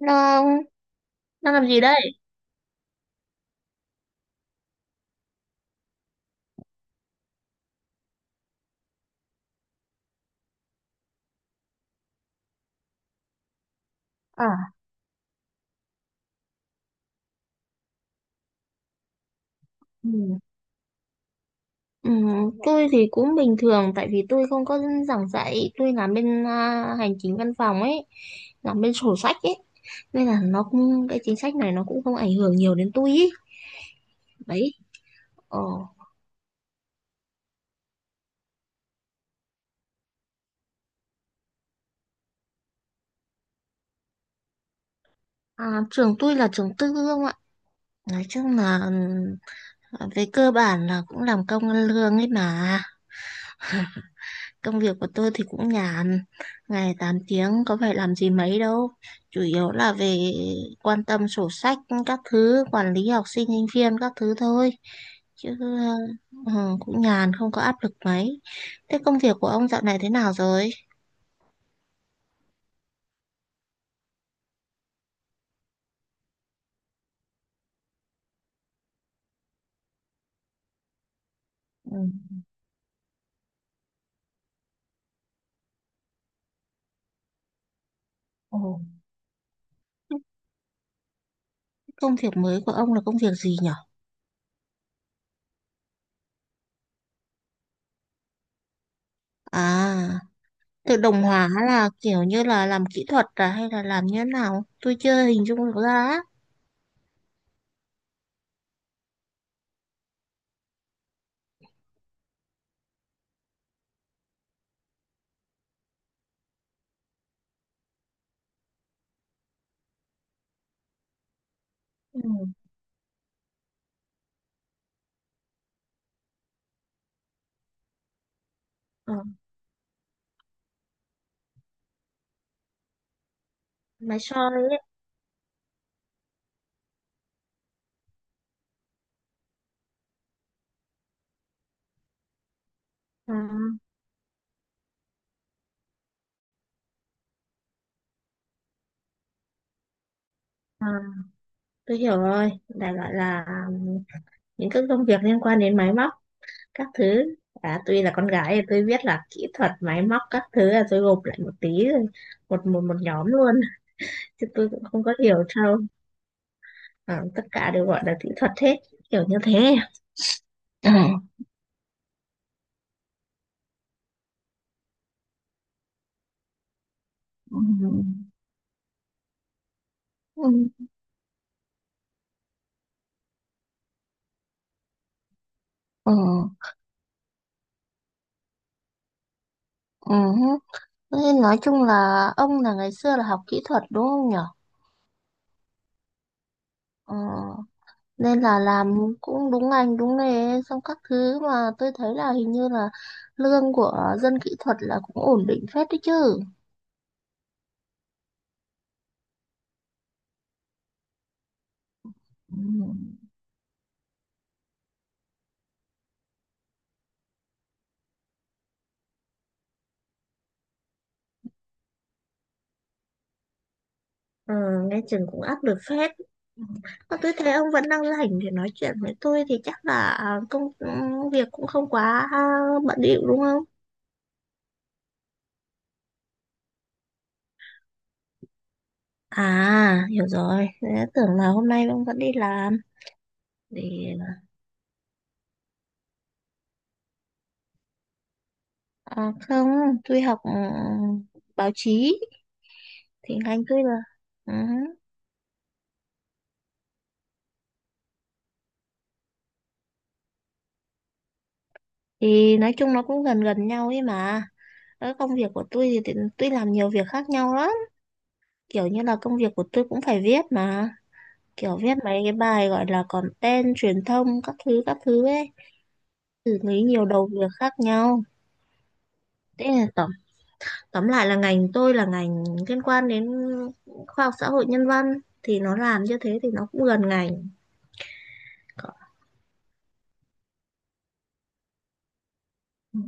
Long, đang làm gì đây? À, ừ. Ừ, tôi thì cũng bình thường tại vì tôi không có giảng dạy, tôi làm bên hành chính văn phòng ấy, làm bên sổ sách ấy. Nên là nó cũng cái chính sách này nó cũng không ảnh hưởng nhiều đến tôi ý. Đấy. Ờ. À, trường tôi là trường tư không ạ? Nói chung là về cơ bản là cũng làm công ăn lương ấy mà. Công việc của tôi thì cũng nhàn, ngày 8 tiếng có phải làm gì mấy đâu. Chủ yếu là về quan tâm sổ sách các thứ, quản lý học sinh, sinh viên các thứ thôi. Chứ Cũng nhàn, không có áp lực mấy. Thế công việc của ông dạo này thế nào rồi? Ừ. Ồ. Công việc mới của ông là công việc gì nhở? À, tự động hóa là kiểu như là làm kỹ thuật à hay là làm như thế nào? Tôi chưa hình dung được ra á. Ừ. ờ, Máy soi ấy. À, tôi hiểu rồi, đại loại là những cái công việc liên quan đến máy móc, các thứ. À, tuy là con gái thì tôi biết là kỹ thuật máy móc các thứ là tôi gộp lại một tí rồi, một một một nhóm luôn. Chứ tôi cũng không có hiểu sâu. À, tất cả đều gọi là kỹ thuật hết, kiểu như thế. Ừ. Ừ. Ừ. Ừ. Ừ. Thế nói chung là ông là ngày xưa là học kỹ thuật đúng không nhở? Ừ. Nên là làm cũng đúng ngành đúng nghề xong các thứ mà tôi thấy là hình như là lương của dân kỹ thuật là cũng ổn định phết đấy chứ. Ừ. Ờ, nghe chừng cũng áp lực phết. Mà tôi thấy ông vẫn đang rảnh để nói chuyện với tôi thì chắc là công việc cũng không quá bận rộn đúng không? À, hiểu rồi. Thế tưởng là hôm nay ông vẫn đi làm. Để không, tôi học báo chí, thì ngành tôi là. Ừ. Thì nói chung nó cũng gần gần nhau ấy mà, cái công việc của tôi thì tôi làm nhiều việc khác nhau lắm, kiểu như là công việc của tôi cũng phải viết mà, kiểu viết mấy cái bài gọi là content truyền thông các thứ ấy, xử lý nhiều đầu việc khác nhau. Thế là tóm tóm lại là ngành tôi là ngành liên quan đến khoa học xã hội nhân văn, thì nó làm như thế thì nó cũng gần ngành. Có- ừ.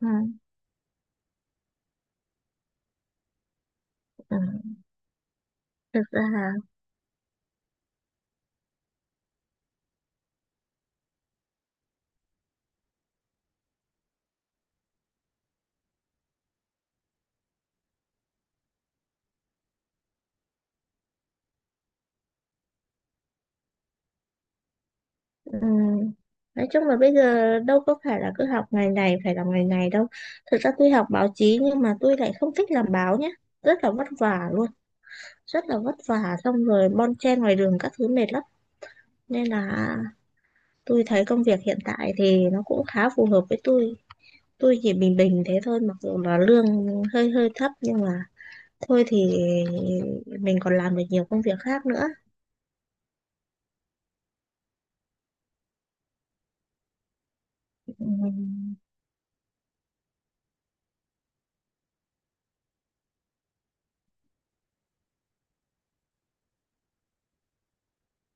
Ừ. Ừ. Thực ra là. Ừ. Nói chung là bây giờ đâu có phải là cứ học ngày này phải làm ngày này đâu. Thực ra tôi học báo chí nhưng mà tôi lại không thích làm báo nhé. Rất là vất vả luôn, rất là vất vả xong rồi bon chen ngoài đường các thứ mệt lắm. Nên là tôi thấy công việc hiện tại thì nó cũng khá phù hợp với tôi. Tôi chỉ bình bình thế thôi mặc dù là lương hơi hơi thấp nhưng mà thôi thì mình còn làm được nhiều công việc khác nữa. Ừ.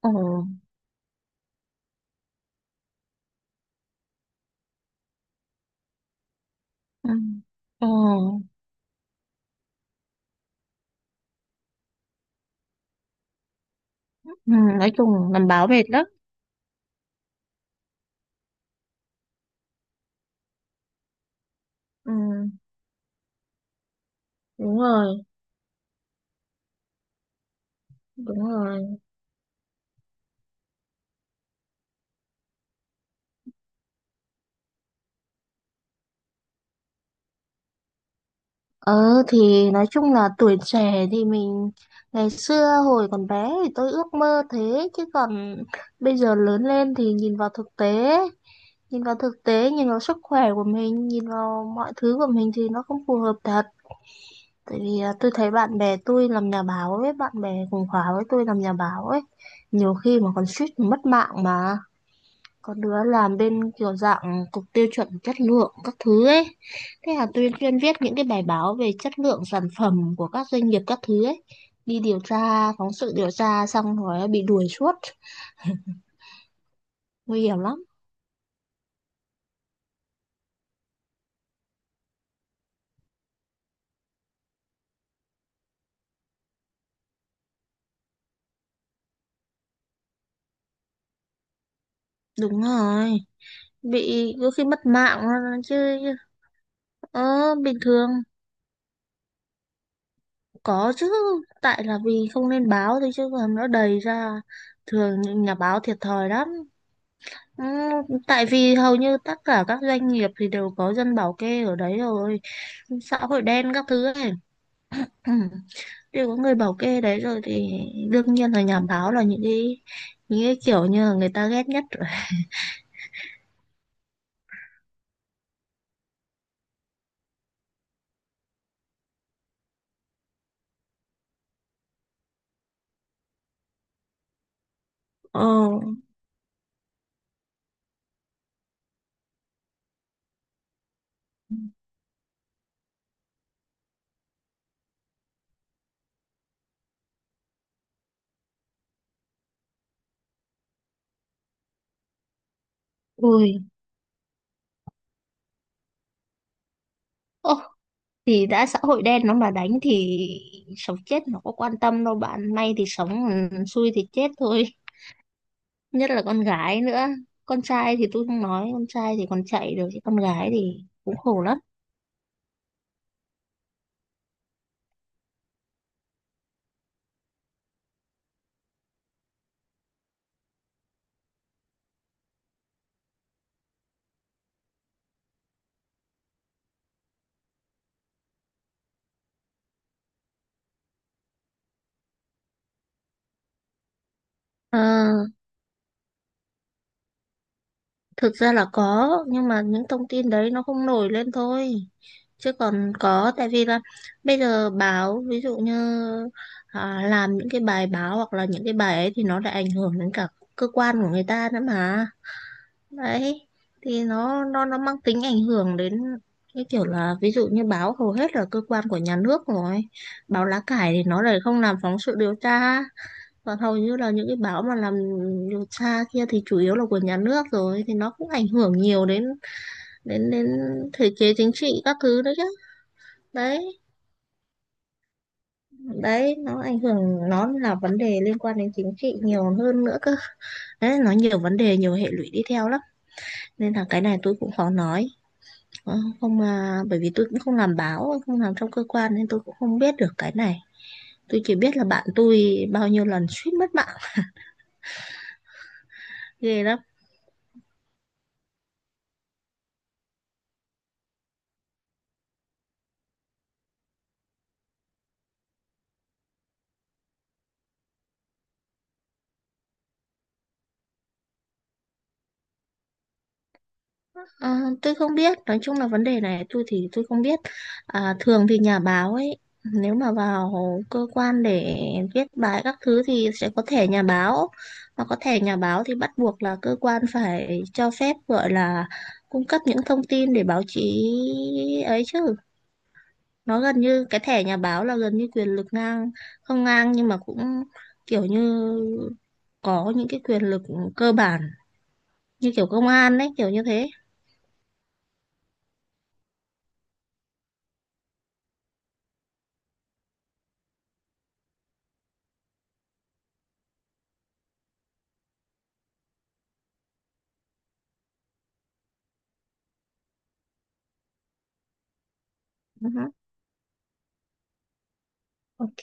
Ờ. Ừ. Ờ. Ừ. Nói chung làm báo mệt lắm. Ừ, đúng rồi, đúng rồi. Ờ thì nói chung là tuổi trẻ thì mình ngày xưa hồi còn bé thì tôi ước mơ thế chứ còn bây giờ lớn lên thì nhìn vào thực tế, nhìn vào thực tế, nhìn vào sức khỏe của mình, nhìn vào mọi thứ của mình thì nó không phù hợp thật. Tại vì tôi thấy bạn bè tôi làm nhà báo ấy, bạn bè cùng khóa với tôi làm nhà báo ấy, nhiều khi mà còn suýt mất mạng mà. Có đứa làm bên kiểu dạng cục tiêu chuẩn chất lượng các thứ ấy, thế là tôi chuyên viết những cái bài báo về chất lượng sản phẩm của các doanh nghiệp các thứ ấy, đi điều tra phóng sự điều tra xong rồi bị đuổi suốt. Nguy hiểm lắm. Đúng rồi, bị có khi mất mạng chứ. ờ, Bình thường có chứ, tại là vì không lên báo thôi chứ còn nó đầy ra. Thường những nhà báo thiệt thòi lắm. Ừ, tại vì hầu như tất cả các doanh nghiệp thì đều có dân bảo kê ở đấy rồi, xã hội đen các thứ ấy. Ừ. Đều có người bảo kê đấy rồi thì đương nhiên là nhà báo là những cái kiểu như là người ta ghét nhất rồi. Ờ. Ui. Ô, thì đã xã hội đen nó mà đánh thì sống chết nó có quan tâm đâu, bạn may thì sống, ừ, xui thì chết thôi. Nhất là con gái nữa. Con trai thì tôi không nói, con trai thì còn chạy được chứ con gái thì cũng khổ lắm. Ờ, thực ra là có nhưng mà những thông tin đấy nó không nổi lên thôi, chứ còn có tại vì là bây giờ báo ví dụ như làm những cái bài báo hoặc là những cái bài ấy thì nó lại ảnh hưởng đến cả cơ quan của người ta nữa mà. Đấy, thì nó mang tính ảnh hưởng đến cái kiểu là ví dụ như báo hầu hết là cơ quan của nhà nước rồi, báo lá cải thì nó lại không làm phóng sự điều tra, còn hầu như là những cái báo mà làm điều tra kia thì chủ yếu là của nhà nước rồi thì nó cũng ảnh hưởng nhiều đến đến đến thể chế chính trị các thứ đấy chứ. Đấy, đấy nó ảnh hưởng, nó là vấn đề liên quan đến chính trị nhiều hơn nữa cơ. Đấy nó nhiều vấn đề nhiều hệ lụy đi theo lắm. Nên là cái này tôi cũng khó nói. Ờ, không mà bởi vì tôi cũng không làm báo, không làm trong cơ quan nên tôi cũng không biết được cái này. Tôi chỉ biết là bạn tôi bao nhiêu lần suýt mất mạng, ghê lắm. À, tôi không biết, nói chung là vấn đề này tôi không biết. À, thường thì nhà báo ấy, nếu mà vào cơ quan để viết bài các thứ thì sẽ có thẻ nhà báo. Mà có thẻ nhà báo thì bắt buộc là cơ quan phải cho phép gọi là cung cấp những thông tin để báo chí ấy chứ. Nó gần như cái thẻ nhà báo là gần như quyền lực ngang, không ngang nhưng mà cũng kiểu như có những cái quyền lực cơ bản như kiểu công an đấy, kiểu như thế. Ừ, ok.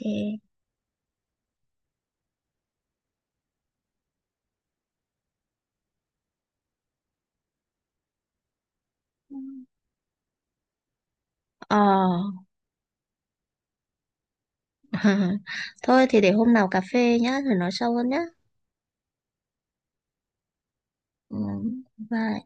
Ờ. Thôi thì để hôm nào cà phê nhá, rồi nói sâu hơn nhá. Ừ, bye.